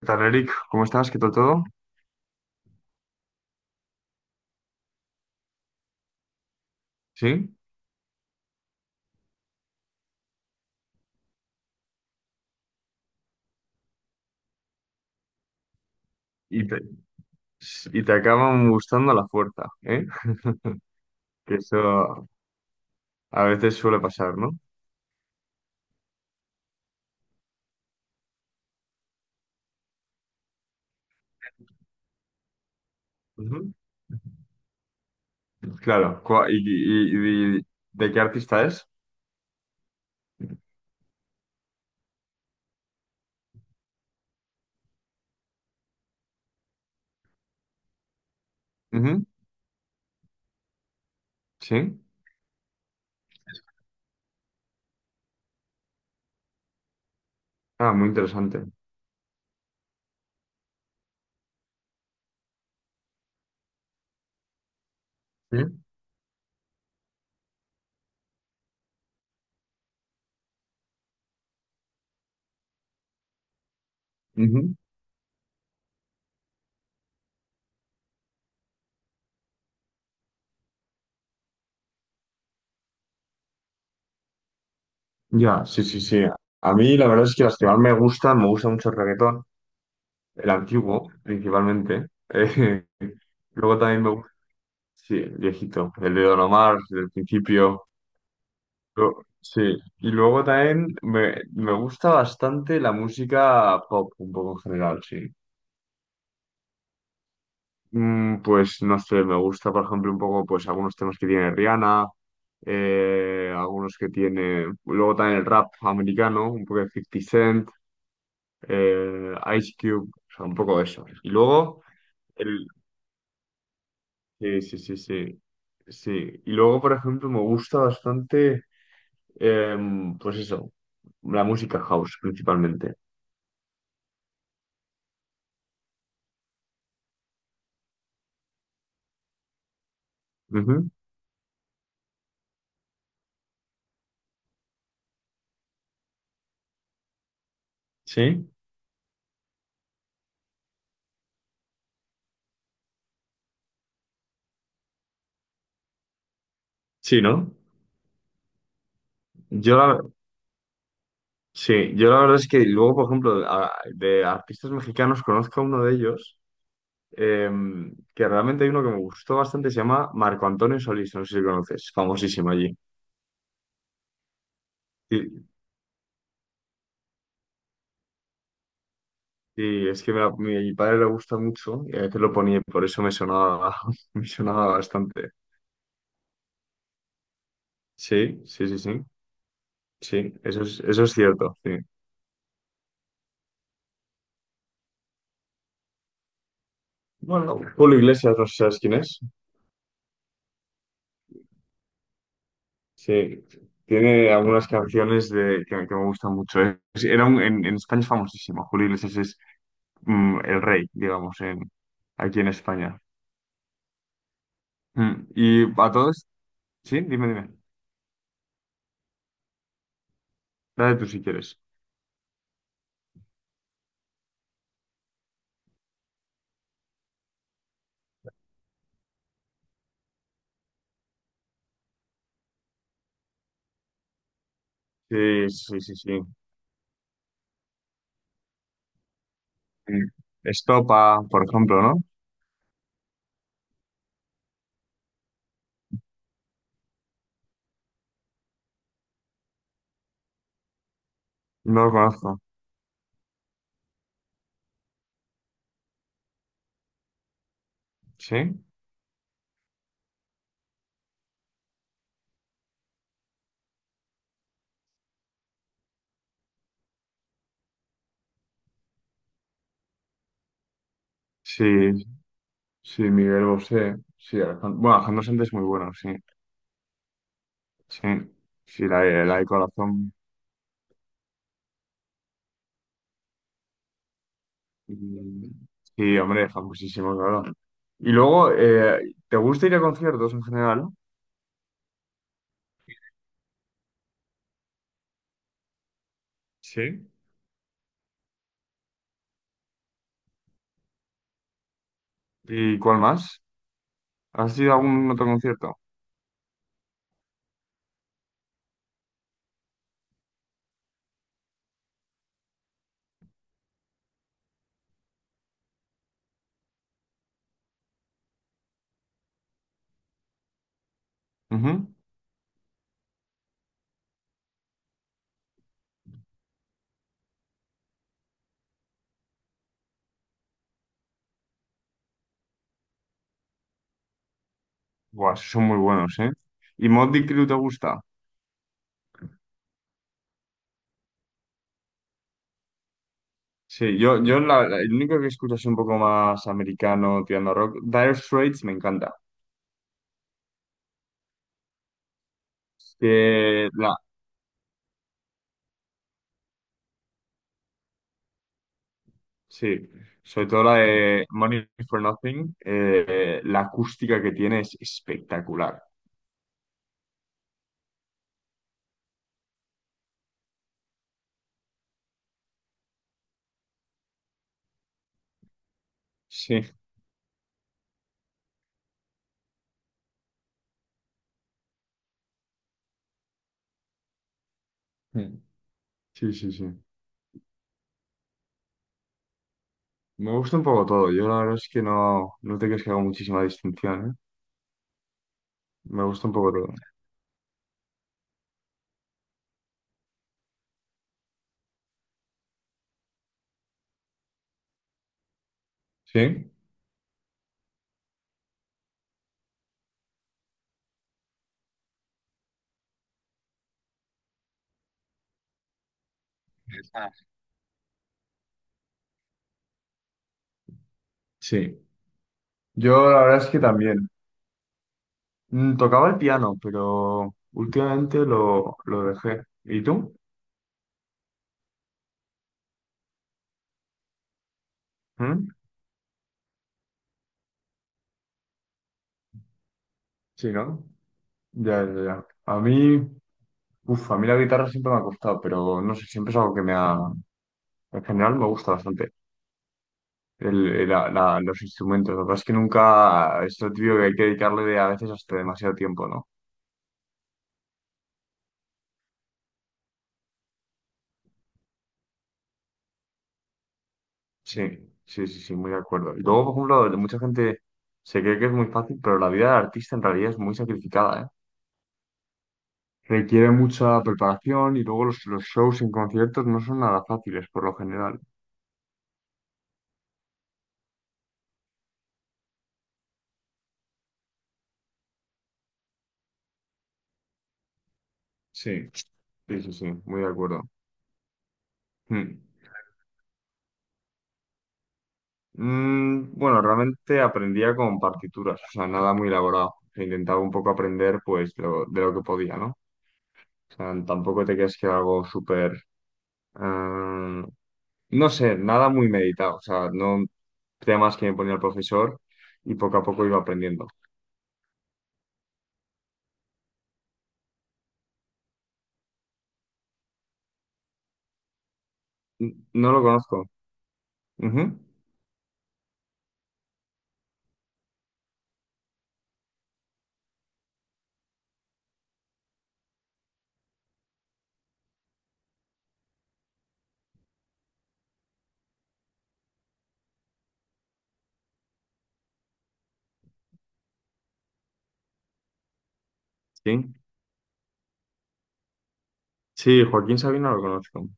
¿Qué tal, Eric? ¿Cómo estás? ¿Qué tal todo? ¿Sí? Y te, y te acaban gustando a la fuerza, ¿eh? Que eso a veces suele pasar, ¿no? Ujú. Claro. ¿Y, de qué artista es? Ujú. ¿Sí? Ah, muy interesante. ¿Sí? Ujú. Ya, sí, sí, sí. A mí la verdad es que las que más me gustan, me gusta mucho el reggaetón, el antiguo principalmente. Eh, luego también me gusta, sí, el viejito, el de Don Omar, del principio. Sí, y luego también me gusta bastante la música pop, un poco en general, sí. Pues no sé, me gusta, por ejemplo, un poco pues algunos temas que tiene Rihanna, algunos que tiene, luego también el rap americano, un poco de 50 Cent, Ice Cube, o sea, un poco eso. Y luego, el, sí, sí, sí, sí, sí. Y luego, por ejemplo, me gusta bastante, pues eso, la música house principalmente. Ujú. Sí. Sí, ¿no? Yo la, sí, yo la verdad es que luego, por ejemplo, de artistas mexicanos conozco a uno de ellos, eh, que realmente hay uno que me gustó bastante, se llama Marco Antonio Solís, no sé si lo conoces, famosísimo allí. Y, y es que mi padre le gusta mucho y a veces lo ponía, y por eso me sonaba, me sonaba bastante. Sí, sí, sí, sí, sí, eso es cierto, sí. Bueno, Julio Iglesias, no sé si sabes quién es. Sí, tiene algunas canciones de, que me gustan mucho. En España es famosísimo. Julio Iglesias es el rey, digamos, aquí en España. Mm. Sí, dime, dime. Dale tú si quieres. Sí, sí, sí, sí. Mm. Estopa, por ejemplo, ¿no? No lo conozco. ¿Sí? Sí, sí, Miguel Bosé. Sí, Alejandro, bueno, Alejandro Sanz es muy bueno, sí. Sí, sí, la de corazón. Mm. Sí, hombre, famosísimo, claro. Y luego, ¿te gusta ir a conciertos en general? Sí. ¿Y cuál más? ¿Has ido a algún otro concierto? Ujú. Buah, esos son muy buenos, ¿eh? ¿Y Motley Crue te gusta? Sí, yo el único que escucho es un poco más americano, tirando a rock. Dire Straits me encanta. Que la, sí, sobre todo la de Money for Nothing, la acústica que tiene es espectacular. Sí. Mm. Sí, sí, sí. Me gusta un poco todo. Yo la verdad es que no, no te crees que hago muchísima distinción, ¿eh? Me gusta un poco todo. ¿Sí? Ah. Sí. Yo la verdad es que también. Mm. Tocaba el piano, pero últimamente lo dejé. ¿Y tú? ¿Mm? Sí, ¿no? Ya, ya, ya. A mí, uf, a mí la guitarra siempre me ha costado, pero no sé, siempre es algo que me ha... En general me gusta bastante el, los instrumentos. La verdad es que nunca... Es lo típico que hay que dedicarle a veces hasta demasiado tiempo, ¿no? Sí, sí, sí, sí, muy de acuerdo. Y luego, por ejemplo, mucha gente se cree que es muy fácil, pero la vida del artista en realidad es muy sacrificada, ¿eh? Requiere mucha preparación y luego los shows en conciertos no son nada fáciles por lo general. Sí. Sí, sí, sí, muy de acuerdo. Mm. Mm, bueno, realmente aprendía con partituras, o sea, nada muy elaborado. E intentaba un poco aprender, pues, de lo que podía, ¿no? O sea, tampoco te creas que era algo súper... eh, no sé, nada muy meditado, o sea, no, temas que me ponía el profesor y poco a poco iba aprendiendo. No lo conozco. Ujú. Sí. Sí, Joaquín Sabina lo conozco.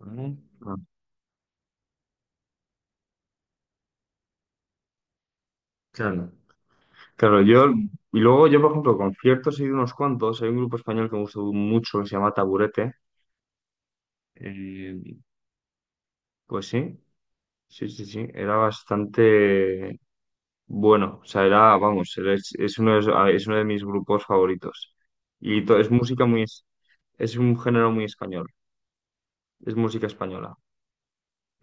Mm, ah, claro. Claro, yo, y luego yo, por ejemplo, conciertos he ido unos cuantos. Hay un grupo español que me gustó mucho que se llama Taburete. Eh, pues sí, sí, sí, sí. Era bastante bueno. O sea, era, vamos, es uno de mis grupos favoritos. Es música muy, es un género muy español. Es música española.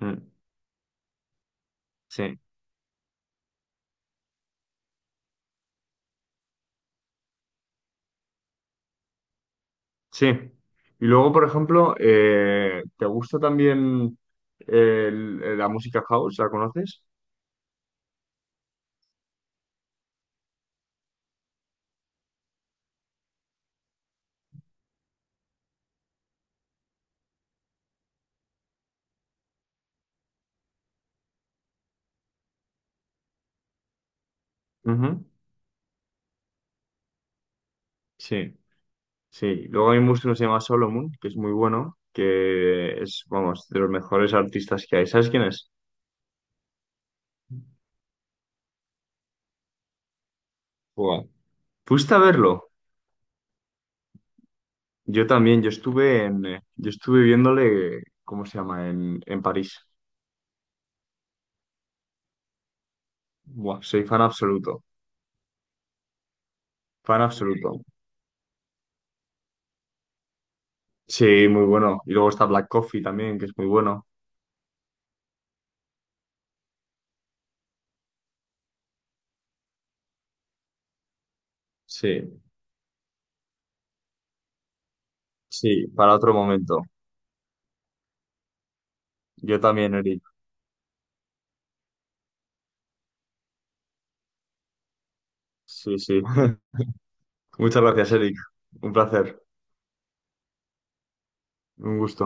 Mm, sí. Sí. Y luego, por ejemplo, ¿te gusta también el- la música house? ¿La conoces? Ujú. Sí, sí. Luego hay un músico que se llama Solomon, que es muy bueno, que es, vamos, de los mejores artistas que hay. ¿Sabes quién es? Buah. ¿Fuiste a verlo? Yo también, yo estuve en, yo estuve viéndole, ¿cómo se llama? En París. Buah, soy fan absoluto, fan absoluto. Sí, muy bueno. Y luego está Black Coffee también, que es muy bueno. Sí, sí, para otro momento. Yo también, Eric. Sí, sí. Muchas gracias, Eric. Un placer, un gusto.